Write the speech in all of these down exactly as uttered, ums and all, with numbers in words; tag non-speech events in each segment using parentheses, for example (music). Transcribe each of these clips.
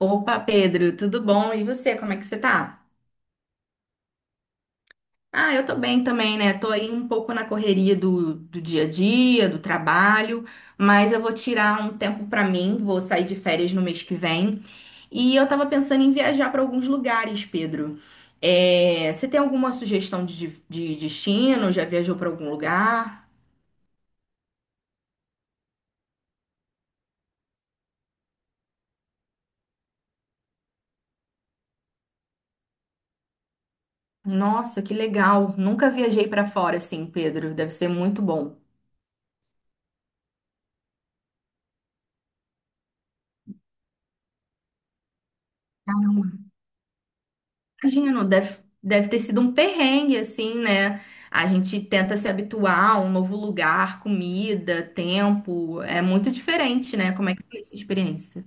Opa, Pedro, tudo bom? E você, como é que você tá? Ah, eu tô bem também, né? Tô aí um pouco na correria do, do dia a dia, do trabalho, mas eu vou tirar um tempo pra mim, vou sair de férias no mês que vem. E eu tava pensando em viajar pra alguns lugares, Pedro. É, você tem alguma sugestão de, de de destino? Já viajou pra algum lugar? Nossa, que legal! Nunca viajei pra fora assim, Pedro. Deve ser muito bom. Imagino, deve, deve ter sido um perrengue, assim, né? A gente tenta se habituar a um novo lugar, comida, tempo. É muito diferente, né? Como é que foi essa experiência?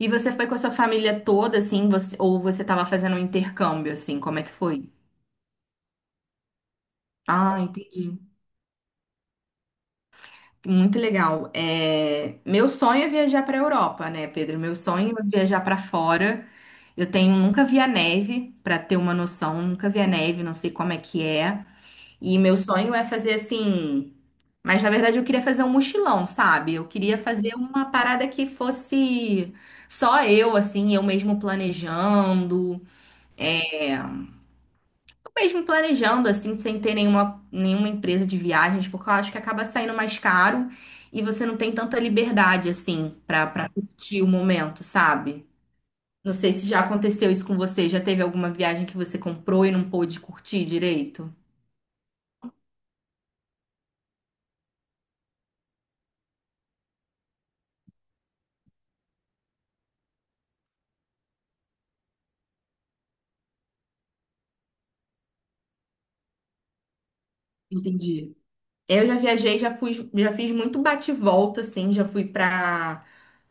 E você foi com a sua família toda, assim, você, ou você estava fazendo um intercâmbio, assim? Como é que foi? Ah, entendi. Muito legal. É, meu sonho é viajar para a Europa, né, Pedro? Meu sonho é viajar para fora. Eu tenho, nunca vi a neve, para ter uma noção, nunca vi a neve, não sei como é que é. E meu sonho é fazer assim. Mas na verdade eu queria fazer um mochilão, sabe? Eu queria fazer uma parada que fosse só eu, assim, eu mesmo planejando. Eu mesmo planejando, assim, sem ter nenhuma, nenhuma empresa de viagens, porque eu acho que acaba saindo mais caro e você não tem tanta liberdade, assim, pra, pra curtir o momento, sabe? Não sei se já aconteceu isso com você. Já teve alguma viagem que você comprou e não pôde curtir direito? Entendi. Eu já viajei, já fui, já fiz muito bate-volta, assim, já fui para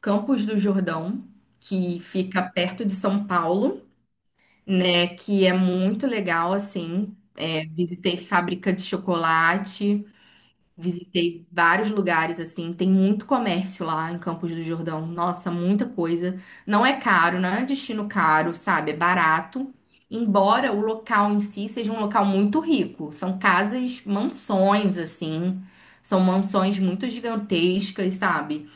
Campos do Jordão, que fica perto de São Paulo, né? Que é muito legal, assim. É, visitei fábrica de chocolate. Visitei vários lugares assim, tem muito comércio lá em Campos do Jordão. Nossa, muita coisa. Não é caro, não é um destino caro, sabe? É barato. Embora o local em si seja um local muito rico. São casas, mansões assim. São mansões muito gigantescas, sabe?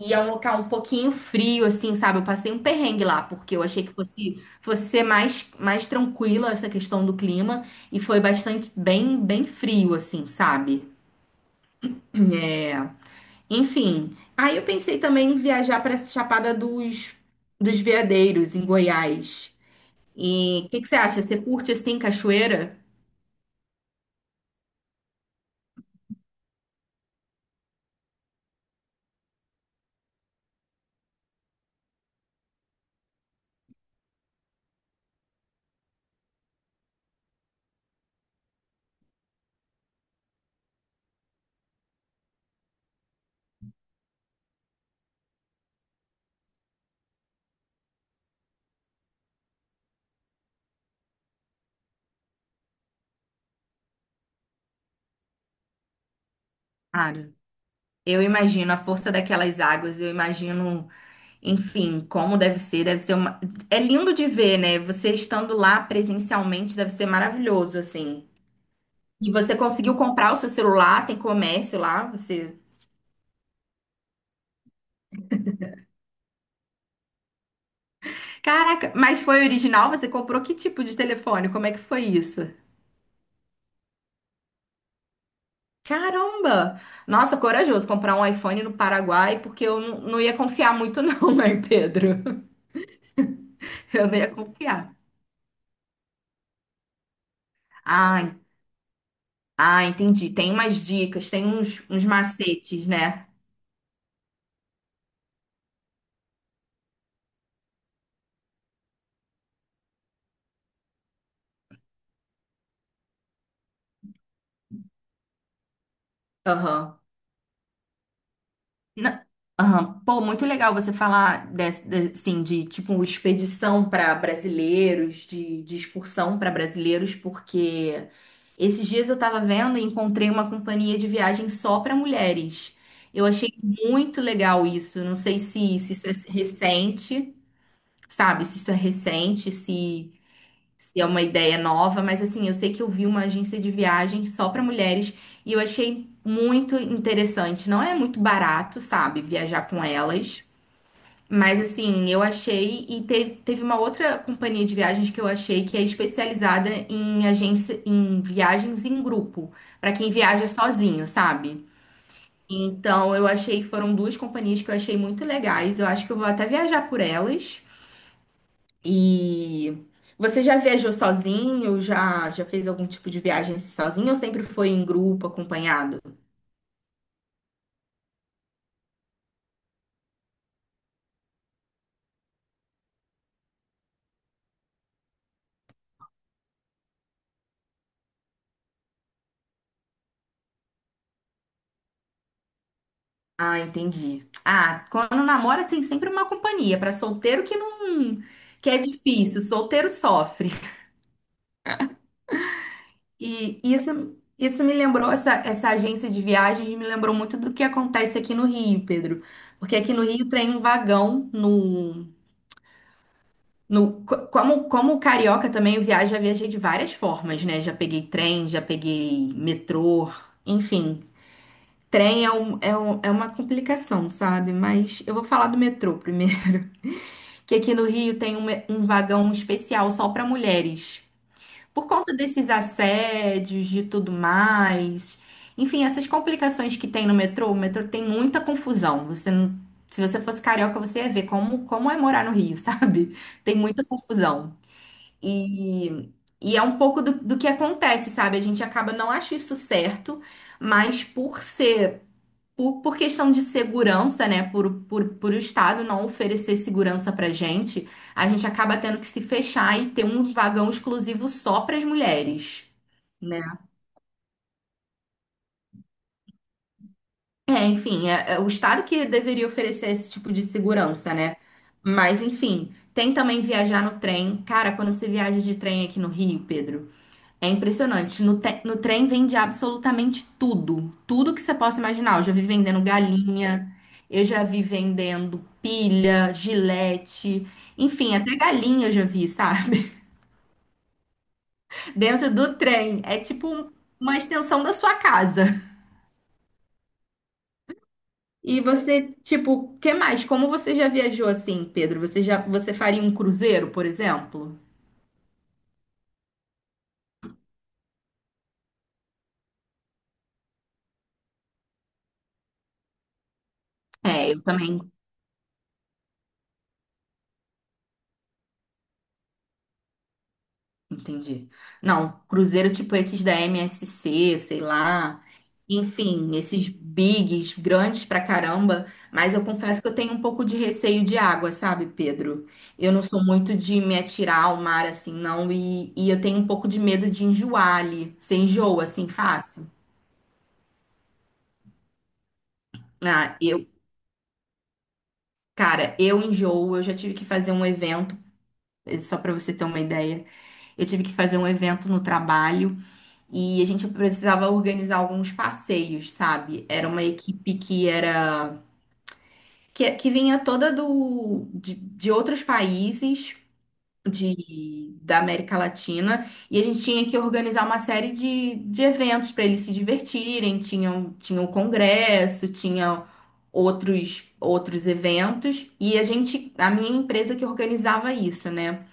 E é um local um pouquinho frio assim, sabe? Eu passei um perrengue lá porque eu achei que fosse fosse ser mais mais tranquila essa questão do clima e foi bastante bem bem frio assim, sabe? É, enfim, aí eu pensei também em viajar para essa Chapada dos, dos Veadeiros, em Goiás. E o que que você acha? Você curte assim cachoeira? Cara, eu imagino a força daquelas águas, eu imagino, enfim, como deve ser, deve ser uma... É lindo de ver, né? Você estando lá presencialmente deve ser maravilhoso, assim. E você conseguiu comprar o seu celular, tem comércio lá, você... Caraca, mas foi original? Você comprou que tipo de telefone? Como é que foi isso? Caramba! Nossa, corajoso comprar um iPhone no Paraguai, porque eu não não ia confiar muito, não, (laughs) né, Pedro? Eu não ia confiar. Ah, en- ah, Entendi. Tem umas dicas, tem uns, uns macetes, né? Aham. Na- Aham. Pô, muito legal você falar desse, de, assim, de tipo expedição para brasileiros, de, de excursão para brasileiros, porque esses dias eu tava vendo e encontrei uma companhia de viagem só para mulheres. Eu achei muito legal isso. Não sei se, se isso é recente, sabe? Se isso é recente, se se é uma ideia nova, mas assim, eu sei que eu vi uma agência de viagem só para mulheres e eu achei muito interessante. Não é muito barato, sabe, viajar com elas, mas assim, eu achei e teve, teve uma outra companhia de viagens que eu achei que é especializada em agência em viagens em grupo, para quem viaja sozinho, sabe? Então, eu achei, foram duas companhias que eu achei muito legais. Eu acho que eu vou até viajar por elas. E você já viajou sozinho? Já, já fez algum tipo de viagem sozinho ou sempre foi em grupo, acompanhado? Ah, entendi. Ah, quando namora tem sempre uma companhia. Para solteiro que não, que é difícil, solteiro sofre. E isso, isso me lembrou, essa, essa agência de viagens me lembrou muito do que acontece aqui no Rio, Pedro. Porque aqui no Rio tem um vagão no, No, co- como, como carioca também, eu viajo, já viajei de várias formas, né? Já peguei trem, já peguei metrô, enfim. Trem é, um, é, um- é uma complicação, sabe? Mas eu vou falar do metrô primeiro. (laughs) Que aqui no Rio tem um, me- um vagão especial só para mulheres. Por conta desses assédios, de tudo mais. Enfim, essas complicações que tem no metrô, o metrô tem muita confusão. Você não- Se você fosse carioca, você ia ver como, como é morar no Rio, (laughs) sabe? Tem muita confusão. E, e é um pouco do, do que acontece, sabe? A gente acaba não acha isso certo, mas por ser, por, por questão de segurança, né? Por, por, por o Estado não oferecer segurança pra gente, a gente acaba tendo que se fechar e ter um vagão exclusivo só para as mulheres, né? É, enfim, é, é o Estado que deveria oferecer esse tipo de segurança, né? Mas, enfim, tem também viajar no trem. Cara, quando você viaja de trem aqui no Rio, Pedro. É impressionante. No, te- no trem vende absolutamente tudo. Tudo que você possa imaginar. Eu já vi vendendo galinha, eu já vi vendendo pilha, gilete, enfim, até galinha eu já vi, sabe? (laughs) Dentro do trem. É tipo uma extensão da sua casa. E você, tipo, o que mais? Como você já viajou assim, Pedro? Você já, você faria um cruzeiro, por exemplo? É, eu também. Entendi. Não, cruzeiro tipo esses da M S C, sei lá. Enfim, esses bigs grandes pra caramba, mas eu confesso que eu tenho um pouco de receio de água, sabe, Pedro? Eu não sou muito de me atirar ao mar assim, não, e, e eu tenho um pouco de medo de enjoar ali. Você enjoa assim fácil? Ah, eu, cara, eu enjoo, eu já tive que fazer um evento, só pra você ter uma ideia. Eu tive que fazer um evento no trabalho. E a gente precisava organizar alguns passeios, sabe? Era uma equipe que era que, que vinha toda do de, de outros países de da América Latina e a gente tinha que organizar uma série de, de eventos para eles se divertirem. Tinham tinha o congresso, tinha outros outros eventos e a gente a minha empresa que organizava isso, né?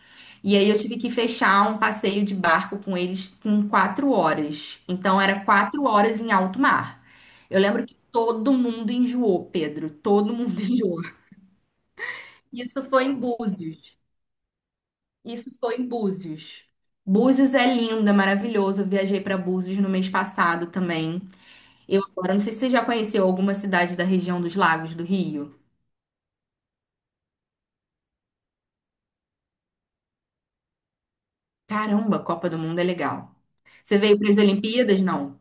E aí eu tive que fechar um passeio de barco com eles com quatro horas. Então era quatro horas em alto mar. Eu lembro que todo mundo enjoou, Pedro. Todo mundo (laughs) enjoou. Isso foi em Búzios. Isso foi em Búzios. Búzios é lindo, é maravilhoso. Eu viajei para Búzios no mês passado também. Eu agora não sei se você já conheceu alguma cidade da região dos Lagos do Rio. Caramba, Copa do Mundo é legal. Você veio para as Olimpíadas? Não.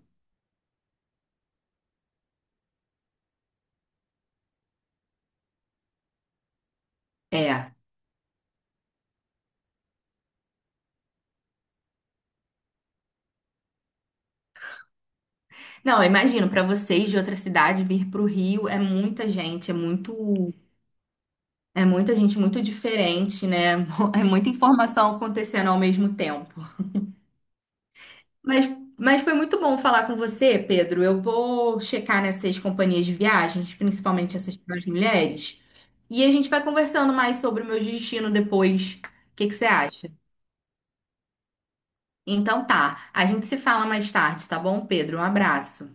É. Não, eu imagino, para vocês de outra cidade vir para o Rio é muita gente, é muito, é muita gente muito diferente, né? (laughs) É muita informação acontecendo ao mesmo tempo. Mas, mas foi muito bom falar com você, Pedro. Eu vou checar nessas companhias de viagens, principalmente essas para as mulheres, e a gente vai conversando mais sobre o meu destino depois. O que que você acha? Então tá, a gente se fala mais tarde, tá bom, Pedro? Um abraço.